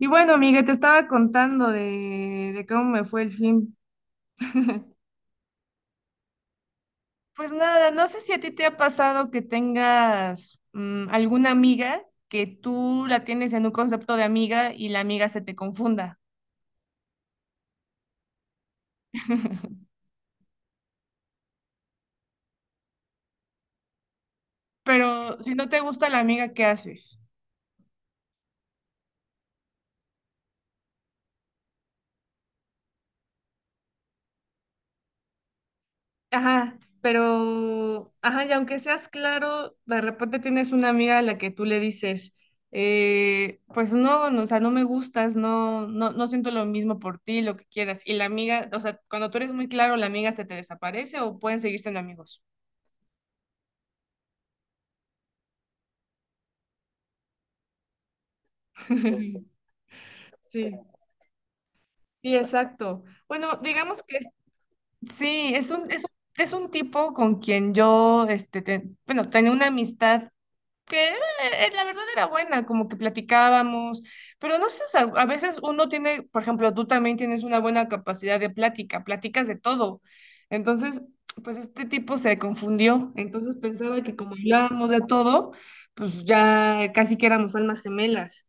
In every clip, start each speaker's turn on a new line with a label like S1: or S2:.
S1: Y bueno, amiga, te estaba contando de cómo me fue el fin. Pues nada, no sé si a ti te ha pasado que tengas alguna amiga que tú la tienes en un concepto de amiga y la amiga se te confunda. Pero si no te gusta la amiga, ¿qué haces? Ajá, pero, ajá, y aunque seas claro, de repente tienes una amiga a la que tú le dices, pues no, no, o sea, no me gustas, no, no, no siento lo mismo por ti, lo que quieras. Y la amiga, o sea, cuando tú eres muy claro, la amiga se te desaparece o pueden seguir siendo amigos. Sí, sí, exacto. Bueno, digamos que sí, es un tipo con quien yo, bueno, tenía una amistad que la verdad era buena, como que platicábamos, pero no sé, o sea, a veces uno tiene, por ejemplo, tú también tienes una buena capacidad de plática, platicas de todo. Entonces, pues este tipo se confundió, entonces pensaba que como hablábamos de todo, pues ya casi que éramos almas gemelas.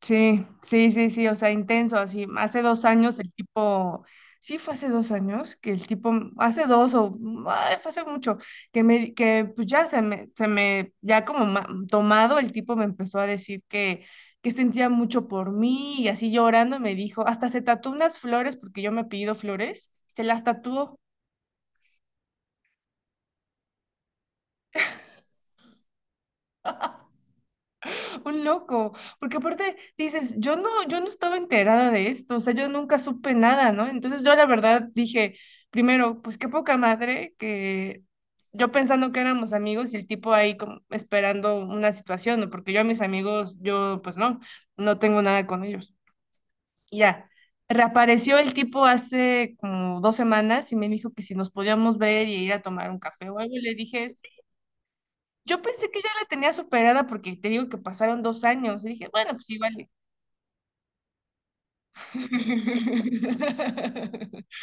S1: Sí, sí, sí, sí, o sea, intenso, así. Hace dos años el tipo, sí fue hace dos años, que el tipo, hace dos o, ay, fue hace mucho, que me, que pues ya ya como ma- tomado, el tipo me empezó a decir que sentía mucho por mí y así llorando me dijo, hasta se tatuó unas flores porque yo me he pedido flores, se las tatuó. Un loco, porque aparte dices, yo no estaba enterada de esto, o sea, yo nunca supe nada, ¿no? Entonces yo la verdad dije, primero, pues qué poca madre que yo pensando que éramos amigos y el tipo ahí como esperando una situación, ¿no? Porque yo a mis amigos, yo pues no, no tengo nada con ellos. Y ya, reapareció el tipo hace como dos semanas y me dijo que si nos podíamos ver y ir a tomar un café o algo, y le dije, yo pensé que ya la tenía superada porque te digo que pasaron dos años y dije, bueno, pues sí, vale.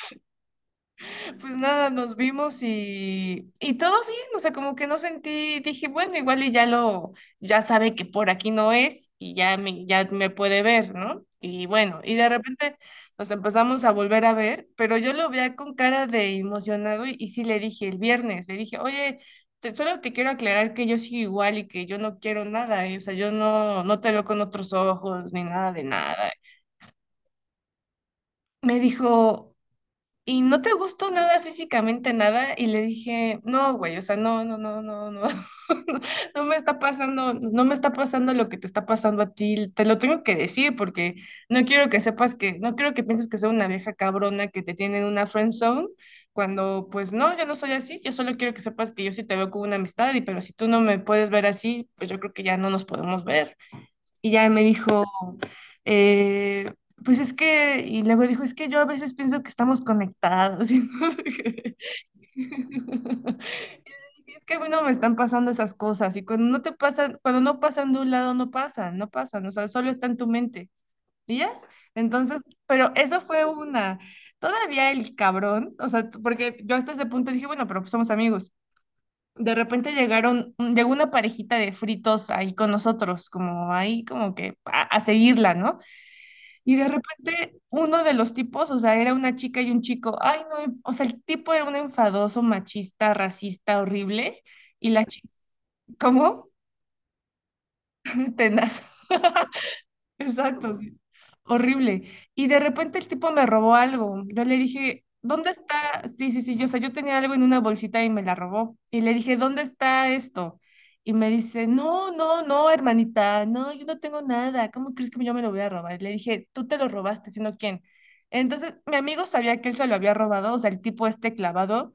S1: Pues nada, nos vimos y todo bien, o sea, como que no sentí, dije, bueno, igual y ya lo, ya sabe que por aquí no es y ya me puede ver, ¿no? Y bueno, y de repente nos empezamos a volver a ver, pero yo lo veía con cara de emocionado y sí le dije el viernes, le dije, oye, solo te quiero aclarar que yo sigo igual y que yo no quiero nada, ¿eh? O sea, yo no, no te veo con otros ojos ni nada de nada. Me dijo y no te gustó nada físicamente, nada, y le dije, no, güey, o sea, no, no, no, no, no, no no me está pasando, no me está pasando lo que te está pasando a ti, te lo tengo que decir porque no quiero que sepas que, no quiero que pienses que soy una vieja cabrona que te tiene en una friend zone, cuando pues no, yo no soy así, yo solo quiero que sepas que yo sí te veo como una amistad, y pero si tú no me puedes ver así, pues yo creo que ya no nos podemos ver. Y ya me dijo, eh, pues es que, y luego dijo, es que yo a veces pienso que estamos conectados y no sé qué. Y le dije, es que a mí no me están pasando esas cosas y cuando no te pasan, cuando no pasan de un lado, no pasan, no pasan, o sea, solo está en tu mente. ¿Y ya? Entonces, pero eso fue una, todavía el cabrón, o sea, porque yo hasta ese punto dije, bueno, pero pues somos amigos. De repente llegaron, llegó una parejita de fritos ahí con nosotros, como ahí como que a seguirla, ¿no? Y de repente uno de los tipos, o sea, era una chica y un chico, ay no, o sea, el tipo era un enfadoso, machista, racista, horrible, y la chica, ¿cómo? Tenaz. Exacto, sí. Horrible. Y de repente el tipo me robó algo. Yo le dije, ¿dónde está? Sí, sí, sí. Yo, o sea, yo tenía algo en una bolsita y me la robó. Y le dije, ¿dónde está esto? Y me dice, no, no, no, hermanita, no, yo no tengo nada. ¿Cómo crees que yo me lo voy a robar? Le dije, tú te lo robaste, sino quién. Entonces, mi amigo sabía que él se lo había robado, o sea, el tipo este clavado.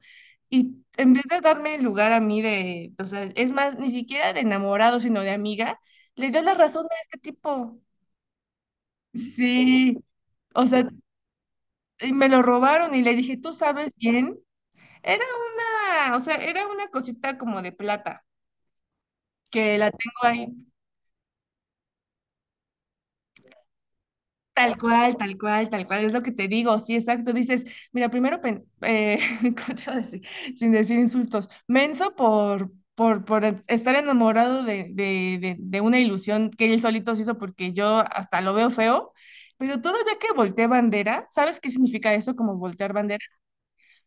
S1: Y en vez de darme el lugar a mí de, o sea, es más, ni siquiera de enamorado, sino de amiga, le dio la razón a este tipo. Sí, o sea, y me lo robaron y le dije, ¿tú sabes bien? Era una, o sea, era una cosita como de plata, que la tengo ahí tal cual, tal cual, tal cual, es lo que te digo, sí, exacto. Dices, mira, primero, ¿cómo te iba a decir? Sin decir insultos, menso por estar enamorado de una ilusión que él solito se hizo porque yo hasta lo veo feo, pero todavía que volteé bandera, ¿sabes qué significa eso como voltear bandera?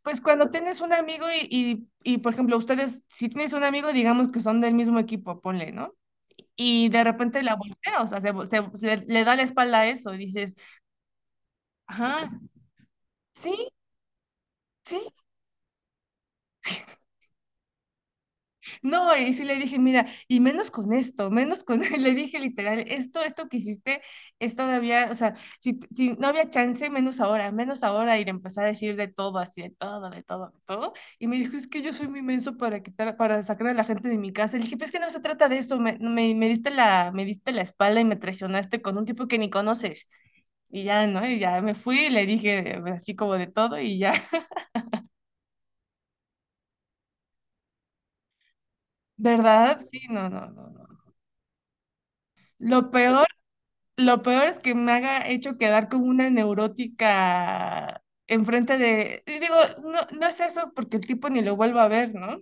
S1: Pues cuando tienes un amigo por ejemplo, ustedes, si tienes un amigo, digamos que son del mismo equipo, ponle, ¿no? Y de repente la voltea, o sea, se le da la espalda a eso y dices, ajá. Sí, sí. No, y sí le dije, mira, y menos con esto, menos con, le dije literal, esto que hiciste es todavía, o sea, si no había chance, menos ahora, y le empecé a decir de todo, así, de todo, de todo, de todo, y me dijo, es que yo soy muy menso para quitar, para sacar a la gente de mi casa, le dije, pero es que no se trata de eso, me diste la espalda y me traicionaste con un tipo que ni conoces, y ya, ¿no? Y ya me fui y le dije así como de todo, y ya. ¿Verdad? Sí, no, no, no, no. Lo peor. Lo peor es que me haga hecho quedar como una neurótica enfrente de... y digo, no, no es eso porque el tipo ni lo vuelvo a ver, ¿no?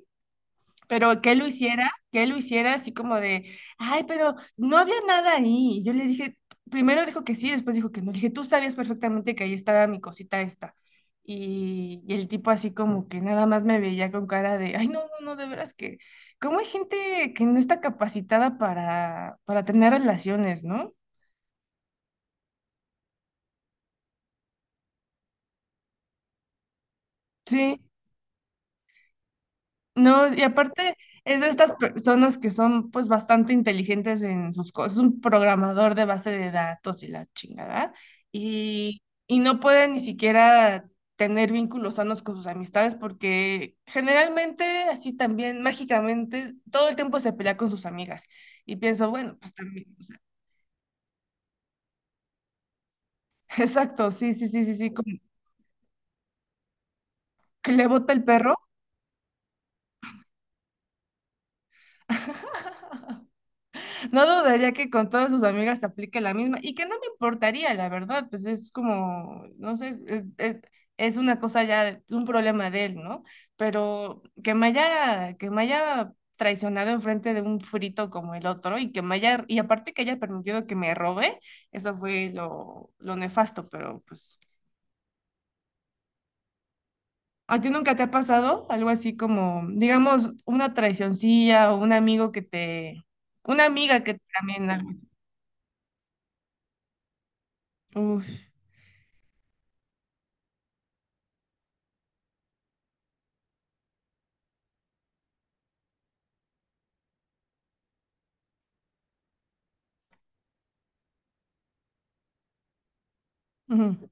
S1: Pero que él lo hiciera, que él lo hiciera así como de, ay, pero no había nada ahí. Y yo le dije, primero dijo que sí, después dijo que no. Le dije, tú sabías perfectamente que ahí estaba mi cosita esta. Y el tipo así como que nada más me veía con cara de, ay, no, no, no, de veras que, ¿cómo hay gente que no está capacitada para tener relaciones, no? Sí. No, y aparte es de estas personas que son pues bastante inteligentes en sus cosas, es un programador de base de datos y la chingada, y no puede ni siquiera tener vínculos sanos con sus amistades porque generalmente así también mágicamente todo el tiempo se pelea con sus amigas y pienso, bueno, pues también, exacto, sí, sí, sí, sí, sí, como que le bota el perro. No dudaría que con todas sus amigas se aplique la misma y que no me importaría, la verdad, pues es como, no sé, es una cosa ya, un problema de él, ¿no? Pero que me haya traicionado enfrente de un frito como el otro y que me haya, y aparte que haya permitido que me robe, eso fue lo nefasto, pero pues, ¿a ti nunca te ha pasado algo así como, digamos, una traicioncilla o un amigo que te, una amiga que también algo así? Uf. Ujú.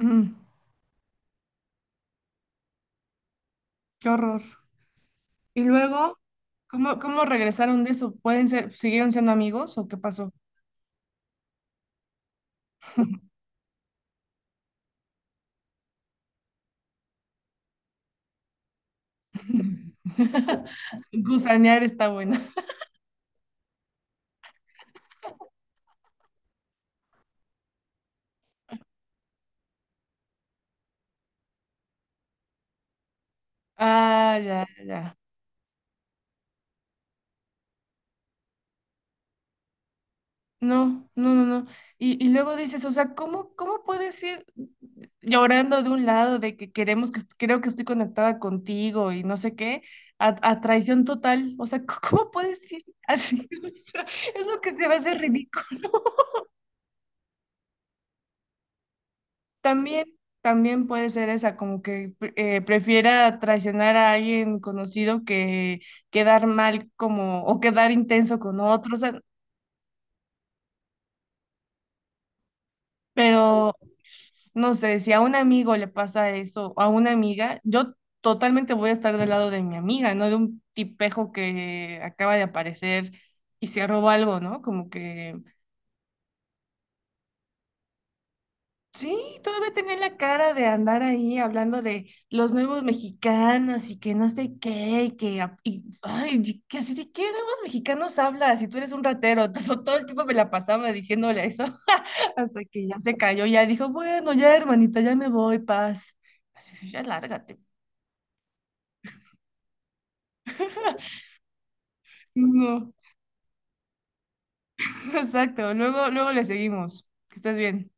S1: Mm. Qué horror. Y luego, ¿cómo regresaron de eso? ¿Pueden ser, siguieron siendo amigos o qué pasó? Gusanear está buena. Ah, ya, ya, ya. No, no, no, no. Y luego dices, o sea, ¿cómo puedes ir llorando de un lado de que queremos que creo que estoy conectada contigo y no sé qué, a traición total? O sea, ¿cómo puedes ir así? O sea, es lo que se me hace ridículo. También, también puede ser esa, como que prefiera traicionar a alguien conocido que quedar mal como o quedar intenso con otros, pero no sé, si a un amigo le pasa eso, a una amiga, yo totalmente voy a estar del lado de mi amiga, no de un tipejo que acaba de aparecer y se roba algo, ¿no? Como que sí, todavía tenía la cara de andar ahí hablando de los nuevos mexicanos y que no sé qué, y que, ay, y que así de qué nuevos mexicanos hablas si tú eres un ratero. Todo, todo el tiempo me la pasaba diciéndole eso hasta que ya se cayó, ya dijo, bueno, ya hermanita, ya me voy, paz. Así, de, ya lárgate. No, exacto, luego, luego le seguimos. Que estés bien.